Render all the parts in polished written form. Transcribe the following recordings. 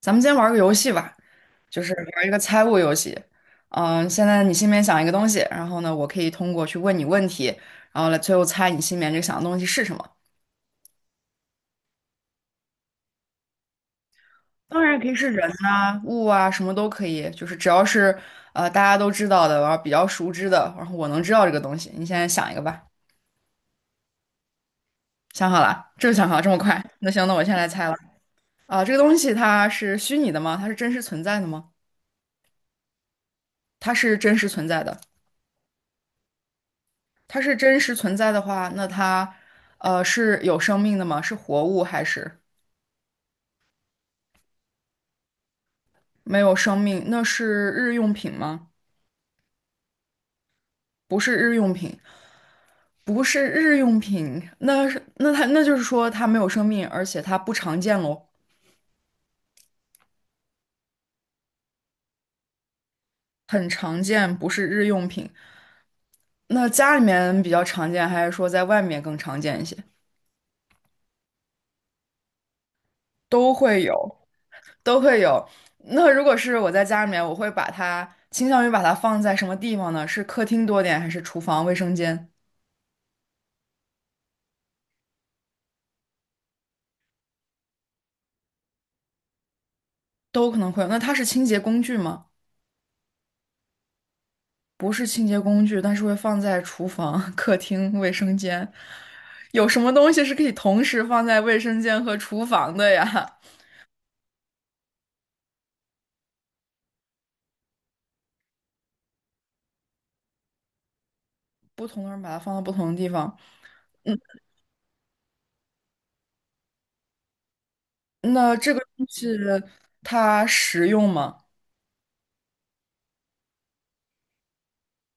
咱们今天玩个游戏吧，就是玩一个猜物游戏。现在你心里面想一个东西，然后呢，我可以通过去问你问题，然后来最后猜你心里面这个想的东西是什么。当然可以是人呐、物啊，什么都可以，就是只要是大家都知道的，然后比较熟知的，然后我能知道这个东西。你现在想一个吧，想好了，这就想好了，这么快？那行，那我先来猜了。啊、这个东西它是虚拟的吗？它是真实存在的吗？它是真实存在的。它是真实存在的话，那它，是有生命的吗？是活物还是没有生命？那是日用品吗？不是日用品，不是日用品，那就是说它没有生命，而且它不常见喽，很常见，不是日用品。那家里面比较常见，还是说在外面更常见一些？都会有，都会有。那如果是我在家里面，我会把它倾向于把它放在什么地方呢？是客厅多点，还是厨房、卫生间？都可能会有。那它是清洁工具吗？不是清洁工具，但是会放在厨房、客厅、卫生间。有什么东西是可以同时放在卫生间和厨房的呀？不同的人把它放到不同的地方。嗯，那这个东西它实用吗？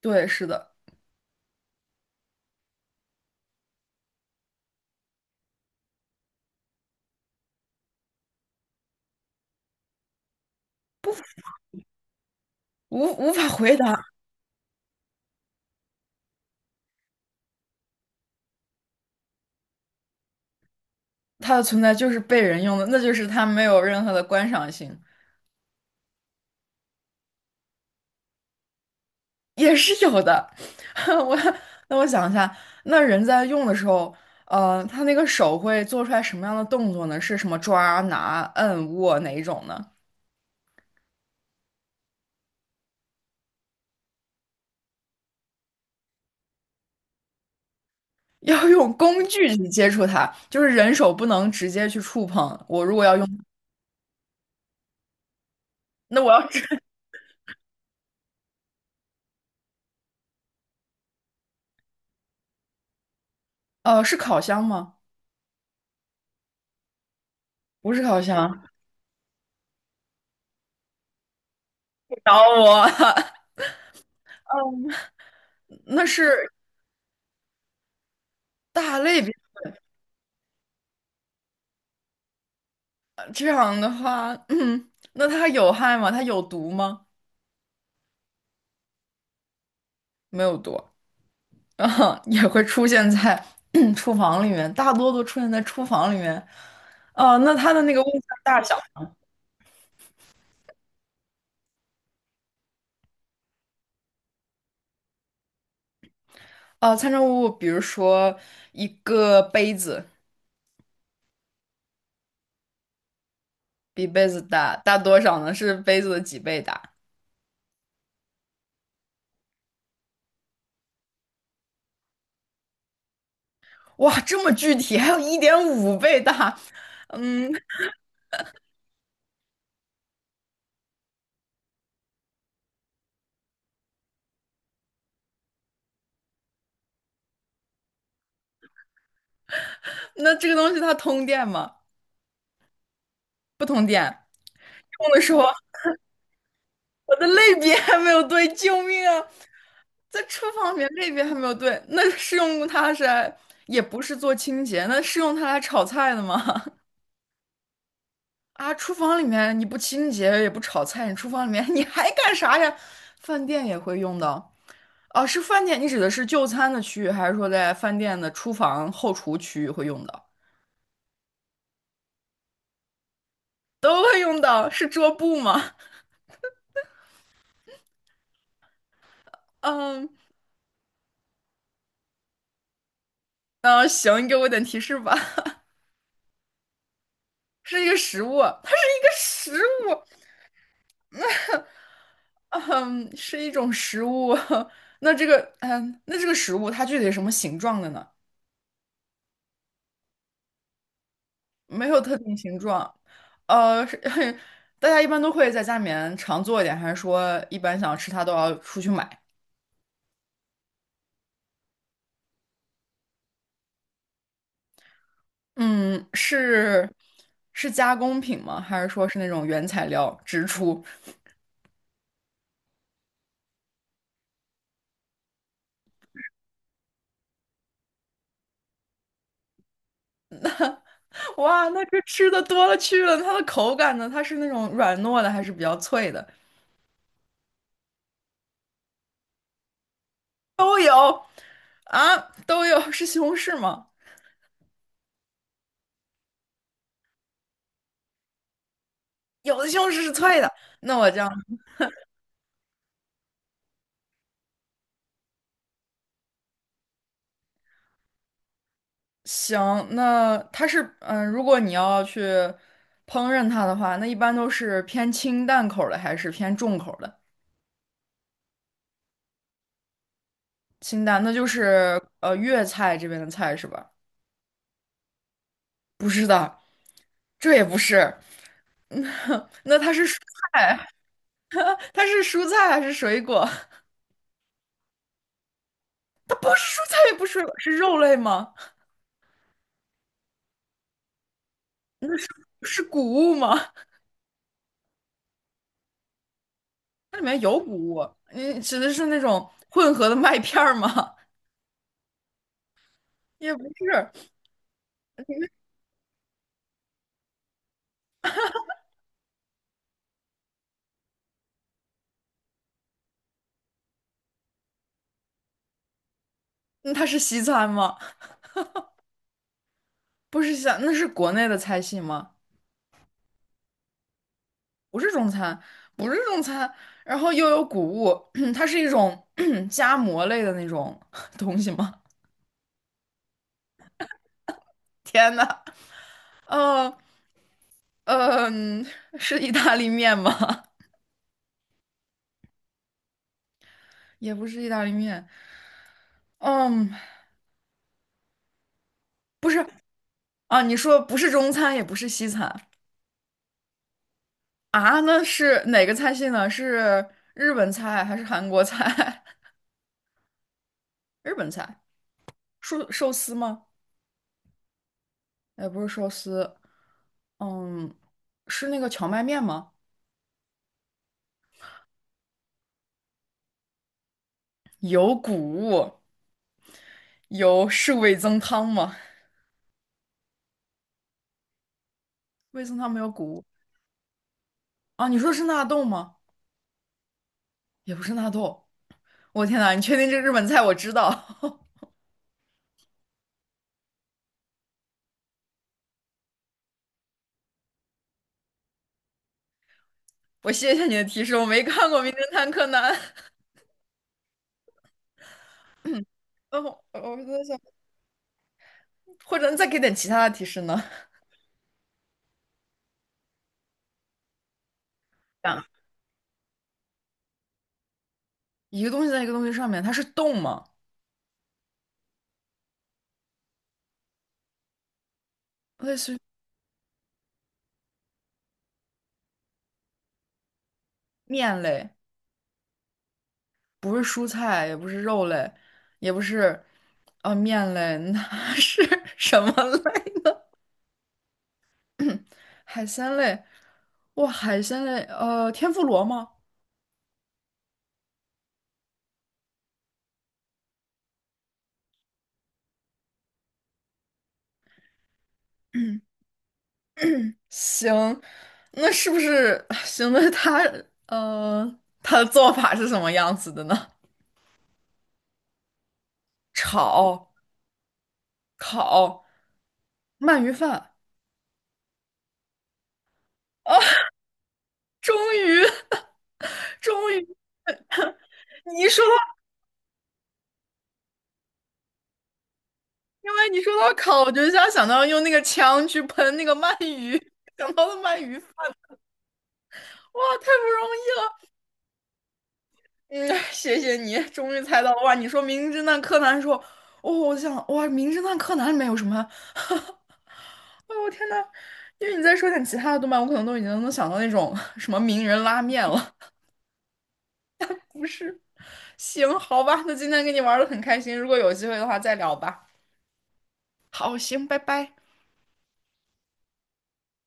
对，是的，无法回答。它的存在就是被人用的，那就是它没有任何的观赏性。也是有的。我那我想一下，那人在用的时候，他那个手会做出来什么样的动作呢？是什么抓、拿、摁、握哪一种呢？要用工具去接触它，就是人手不能直接去触碰。我如果要用，那我要是呃 是烤箱吗？不是烤箱，不找我，那是大类别。这样的话，那它有害吗？它有毒吗？没有毒。啊，也会出现在 厨房里面，大多都出现在厨房里面。啊，那它的那个物题大小，啊，参照物，比如说一个杯子比杯子大，大多少呢？是杯子的几倍大？哇，这么具体，还有一点五倍大。嗯，那这个东西它通电吗？用的时候，我的类别还没有对，救命啊！在厨房里面类别还没有对，那是用它是来，也不是做清洁，那是用它来炒菜的吗？啊，厨房里面你不清洁也不炒菜，你厨房里面 你还干啥呀？饭店也会用到。哦，是饭店，你指的是就餐的区域，还是说在饭店的厨房后厨区域会用到？都会用到，是桌布吗？嗯，嗯，行，你给我点提示吧。是一个食物，它是一个食物，嗯，是一种食物。那这个食物它具体是什么形状的呢？没有特定形状，呃，是 大家一般都会在家里面常做一点，还是说一般想要吃它都要出去买？嗯，是是加工品吗？还是说是那种原材料直出？哇，那这吃的多了去了，它的口感呢？它是那种软糯的，还是比较脆的？都有啊，都有。是西红柿吗？有的西红柿是脆的，那我这样。行，那它是如果你要去烹饪它的话，那一般都是偏清淡口儿的还是偏重口儿的？清淡，那就是粤菜这边的菜是吧？不是的，这也不是。那它是蔬菜，它是蔬菜还是水果？不是蔬菜，也不是水果，是肉类吗？是谷物吗？它里面有谷物，你指的是那种混合的麦片儿吗？也不是，那它是西餐吗？不是西餐，那是国内的菜系吗？不是中餐，不是中餐，然后又有谷物，它是一种 夹馍类的那种 东西吗？天呐，呃呃，嗯、是意大利面吗？也不是意大利面，嗯，不是啊，你说不是中餐，也不是西餐啊，那是哪个菜系呢？是日本菜还是韩国菜？日本菜，寿司吗？也不是寿司，嗯，是那个荞麦面吗？有谷物。是味增汤吗？味增汤没有谷物啊？你说是纳豆吗？也不是纳豆。我天呐，你确定这日本菜我知道？我谢谢你的提示，我没看过《名侦探柯南》。哦，我就在想，或者你再给点其他的提示呢？啊一个东西在一个东西上面，它是动吗？类似于面类，不是蔬菜，也不是肉类，也不是啊、面类，那是 什么类呢？海鲜类，哇，海鲜类，天妇罗吗？行，那是不是 行？他的做法是什么样子的呢？炒、烤、鳗鱼饭啊！终于，终于，你一说到，因为你说到烤，我就想到用那个枪去喷那个鳗鱼，想到了鳗鱼饭，哇，太不容易了！嗯，谢谢你，终于猜到了哇！你说《名侦探柯南》说，哦，我想哇，《名侦探柯南》里面有什么？我天呐，因为你再说点其他的动漫，我可能都已经能想到那种 什么名人拉面了。不是，行，好吧，那今天跟你玩的很开心，如果有机会的话再聊吧。好，行，拜拜。